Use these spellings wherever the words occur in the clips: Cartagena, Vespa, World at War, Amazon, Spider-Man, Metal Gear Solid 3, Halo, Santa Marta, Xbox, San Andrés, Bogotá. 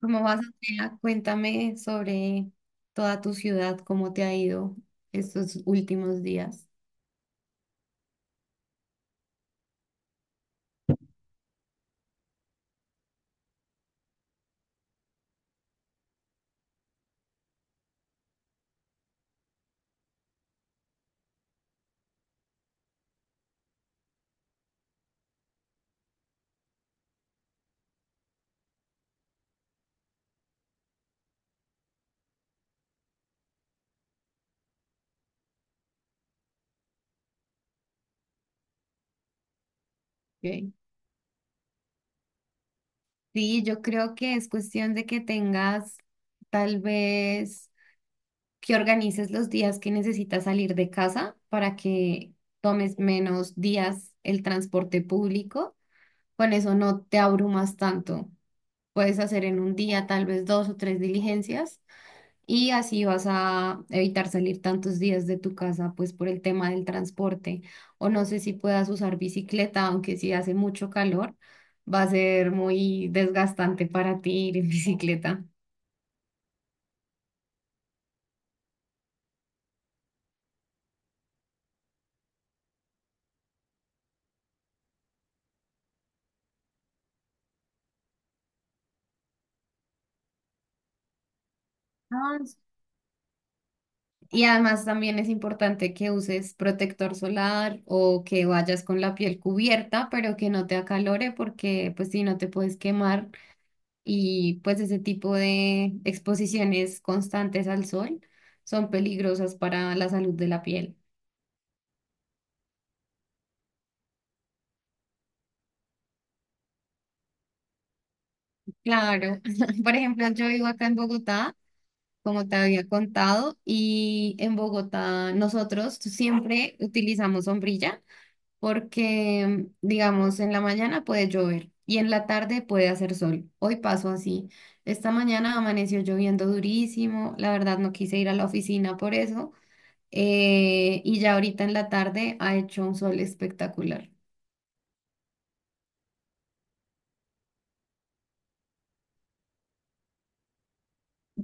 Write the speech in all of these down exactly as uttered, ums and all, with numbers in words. ¿Cómo vas, Andrea? Cuéntame sobre toda tu ciudad, cómo te ha ido estos últimos días. Ok. Sí, yo creo que es cuestión de que tengas tal vez que organices los días que necesitas salir de casa para que tomes menos días el transporte público. Con eso no te abrumas tanto. Puedes hacer en un día tal vez dos o tres diligencias. Y así vas a evitar salir tantos días de tu casa, pues por el tema del transporte. O no sé si puedas usar bicicleta, aunque si hace mucho calor, va a ser muy desgastante para ti ir en bicicleta. Ah, s- Y además también es importante que uses protector solar o que vayas con la piel cubierta, pero que no te acalore porque pues si no te puedes quemar y pues ese tipo de exposiciones constantes al sol son peligrosas para la salud de la piel. Claro, por ejemplo, yo vivo acá en Bogotá, como te había contado, y en Bogotá nosotros siempre utilizamos sombrilla porque, digamos, en la mañana puede llover y en la tarde puede hacer sol. Hoy pasó así. Esta mañana amaneció lloviendo durísimo, la verdad no quise ir a la oficina por eso eh, y ya ahorita en la tarde ha hecho un sol espectacular.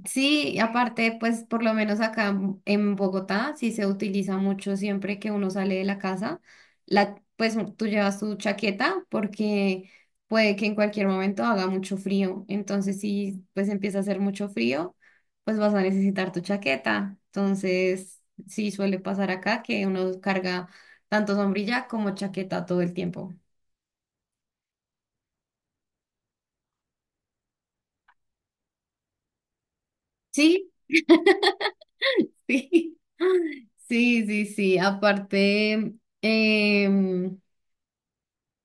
Sí, y aparte, pues por lo menos acá en en Bogotá sí se utiliza mucho siempre que uno sale de la casa, la, pues tú llevas tu chaqueta porque puede que en cualquier momento haga mucho frío. Entonces, si pues empieza a hacer mucho frío, pues vas a necesitar tu chaqueta. Entonces, sí suele pasar acá que uno carga tanto sombrilla como chaqueta todo el tiempo. Sí. Sí, sí, sí, sí. Aparte, em,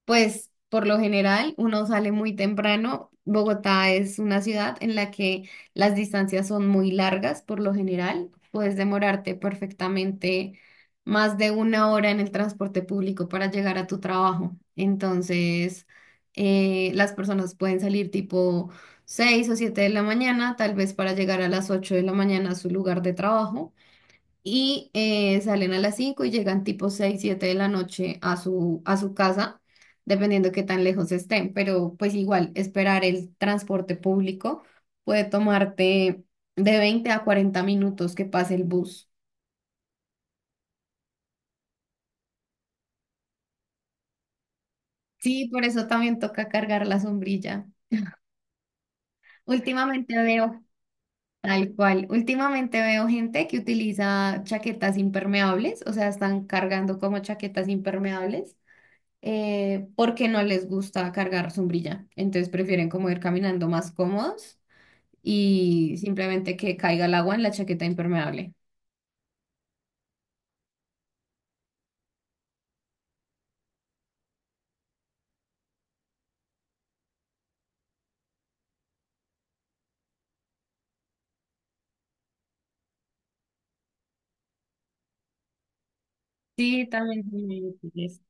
pues por lo general uno sale muy temprano. Bogotá es una ciudad en la que las distancias son muy largas, por lo general. Puedes demorarte perfectamente más de una hora en el transporte público para llegar a tu trabajo. Entonces, eh, las personas pueden salir tipo seis o siete de la mañana, tal vez para llegar a las ocho de la mañana a su lugar de trabajo y eh, salen a las cinco y llegan tipo seis siete de la noche a su, a su casa, dependiendo qué tan lejos estén, pero pues igual esperar el transporte público puede tomarte de veinte a cuarenta minutos que pase el bus. Sí, por eso también toca cargar la sombrilla. Últimamente veo, tal cual, últimamente veo gente que utiliza chaquetas impermeables, o sea, están cargando como chaquetas impermeables eh, porque no les gusta cargar sombrilla. Entonces prefieren como ir caminando más cómodos y simplemente que caiga el agua en la chaqueta impermeable. Sí, también son muy útiles.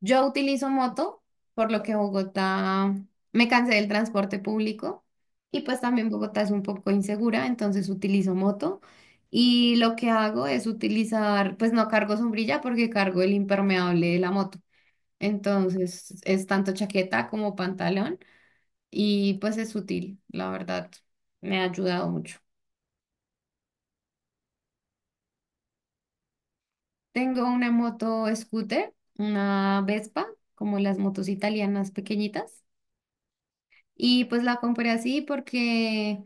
Yo utilizo moto, por lo que Bogotá, me cansé del transporte público y pues también Bogotá es un poco insegura, entonces utilizo moto. Y lo que hago es utilizar, pues no cargo sombrilla porque cargo el impermeable de la moto. Entonces es tanto chaqueta como pantalón y pues es útil, la verdad, me ha ayudado mucho. Tengo una moto scooter, una Vespa, como las motos italianas pequeñitas. Y pues la compré así porque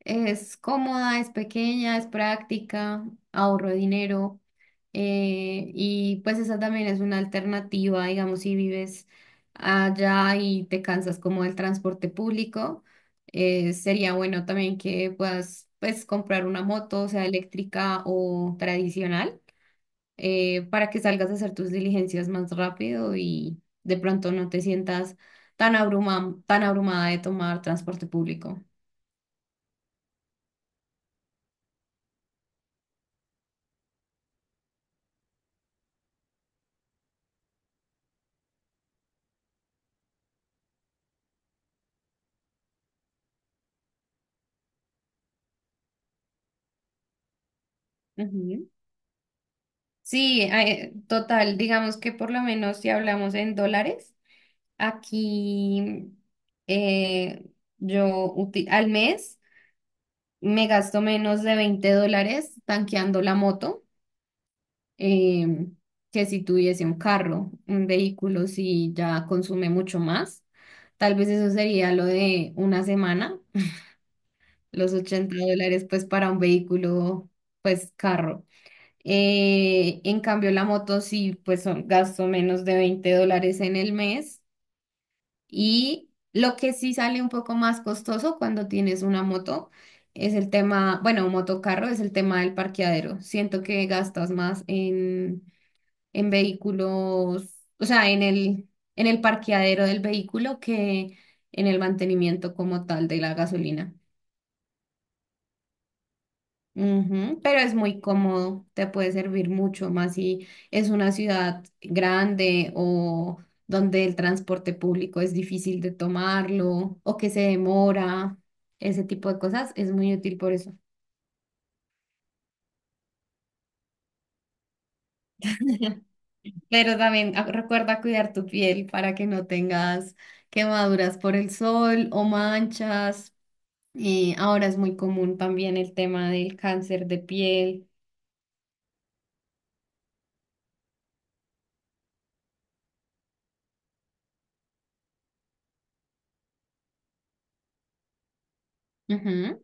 es cómoda, es pequeña, es práctica, ahorro dinero. Eh, y pues esa también es una alternativa, digamos, si vives allá y te cansas como del transporte público, eh, sería bueno también que puedas pues comprar una moto, sea eléctrica o tradicional, eh, para que salgas a hacer tus diligencias más rápido y de pronto no te sientas tan abruma- tan abrumada de tomar transporte público. Ujú. Sí, eh, total, digamos que por lo menos si hablamos en dólares, aquí, eh, yo uti- al mes me gasto menos de veinte dólares tanqueando la moto. eh, que si tuviese un carro, un vehículo, si ya consume mucho más. Tal vez eso sería lo de una semana, los ochenta dólares pues para un vehículo, pues carro. Eh, en cambio la moto sí pues son, gasto menos de veinte dólares en el mes, y lo que sí sale un poco más costoso cuando tienes una moto. Es el tema, bueno, un motocarro es el tema del parqueadero. Siento que gastas más en vehículos, o sea, en el, en el parqueadero del vehículo que en el mantenimiento como tal de la gasolina. Ujú. Pero es muy cómodo, te puede servir mucho más si es una ciudad grande o donde el transporte público es difícil de tomarlo o que se demora, ese tipo de cosas, es muy útil por eso. Pero también ah, recuerda cuidar tu piel para que no tengas quemaduras por el sol o manchas. Eh, ahora es muy común también el tema del cáncer de piel. Ujú,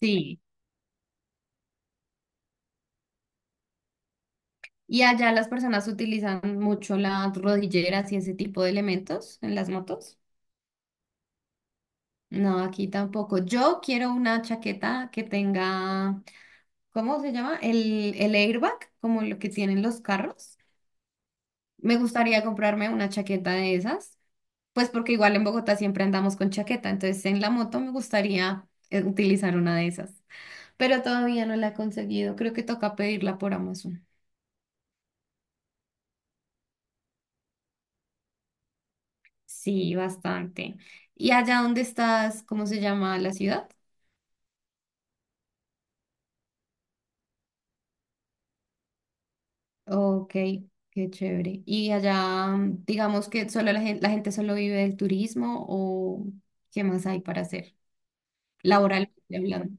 sí. ¿Y allá las personas utilizan mucho las rodilleras y ese tipo de elementos en las motos? No, aquí tampoco. Yo quiero una chaqueta que tenga, ¿cómo se llama? El, el airbag, como lo que tienen los carros. Me gustaría comprarme una chaqueta de esas, pues porque igual en Bogotá siempre andamos con chaqueta, entonces en la moto me gustaría eh, utilizar una de esas. Pero todavía no la he conseguido. Creo que toca pedirla por Amazon. Sí, bastante. ¿Y allá dónde estás? ¿Cómo se llama la ciudad? Ok, qué chévere. ¿Y allá, mm, digamos que solo la gente, la gente solo vive del turismo o qué más hay para hacer? Laboral, hablando.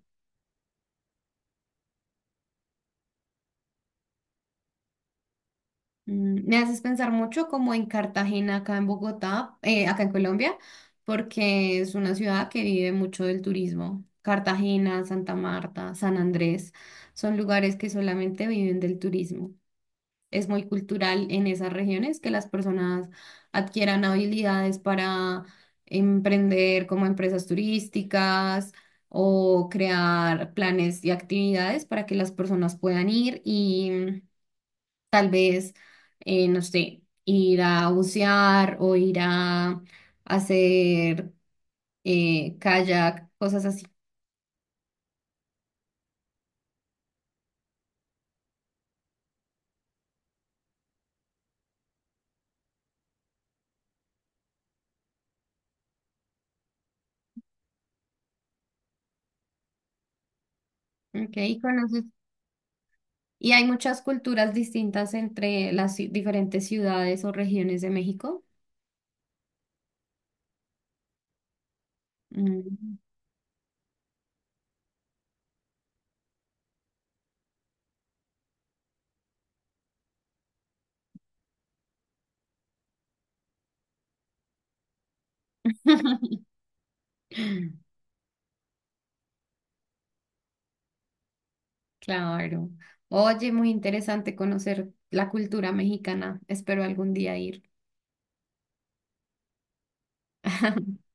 Mm, Me haces pensar mucho como en Cartagena, acá en Bogotá, eh, acá en Colombia, porque es una ciudad que vive mucho del turismo. Cartagena, Santa Marta, San Andrés, son lugares que solamente viven del turismo. Es muy cultural en esas regiones que las personas adquieran habilidades para emprender como empresas turísticas o crear planes y actividades para que las personas puedan ir. Tal vez, eh, no sé, ir a bucear o ir a hacer, eh, kayak, cosas así. Ok, y conoces. Y hay muchas culturas distintas entre las ci- diferentes ciudades o regiones de México. Mm. Claro. Oye, muy interesante conocer la cultura mexicana. Espero algún día ir.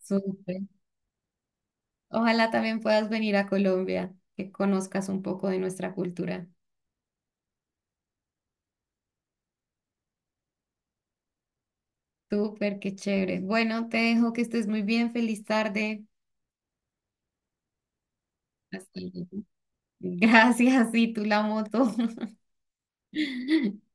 Súper. Ojalá también puedas venir a Colombia, que conozcas un poco de nuestra cultura. Súper, qué chévere. Bueno, te dejo que estés muy bien. Feliz tarde. Hasta luego. Gracias, y tú la moto.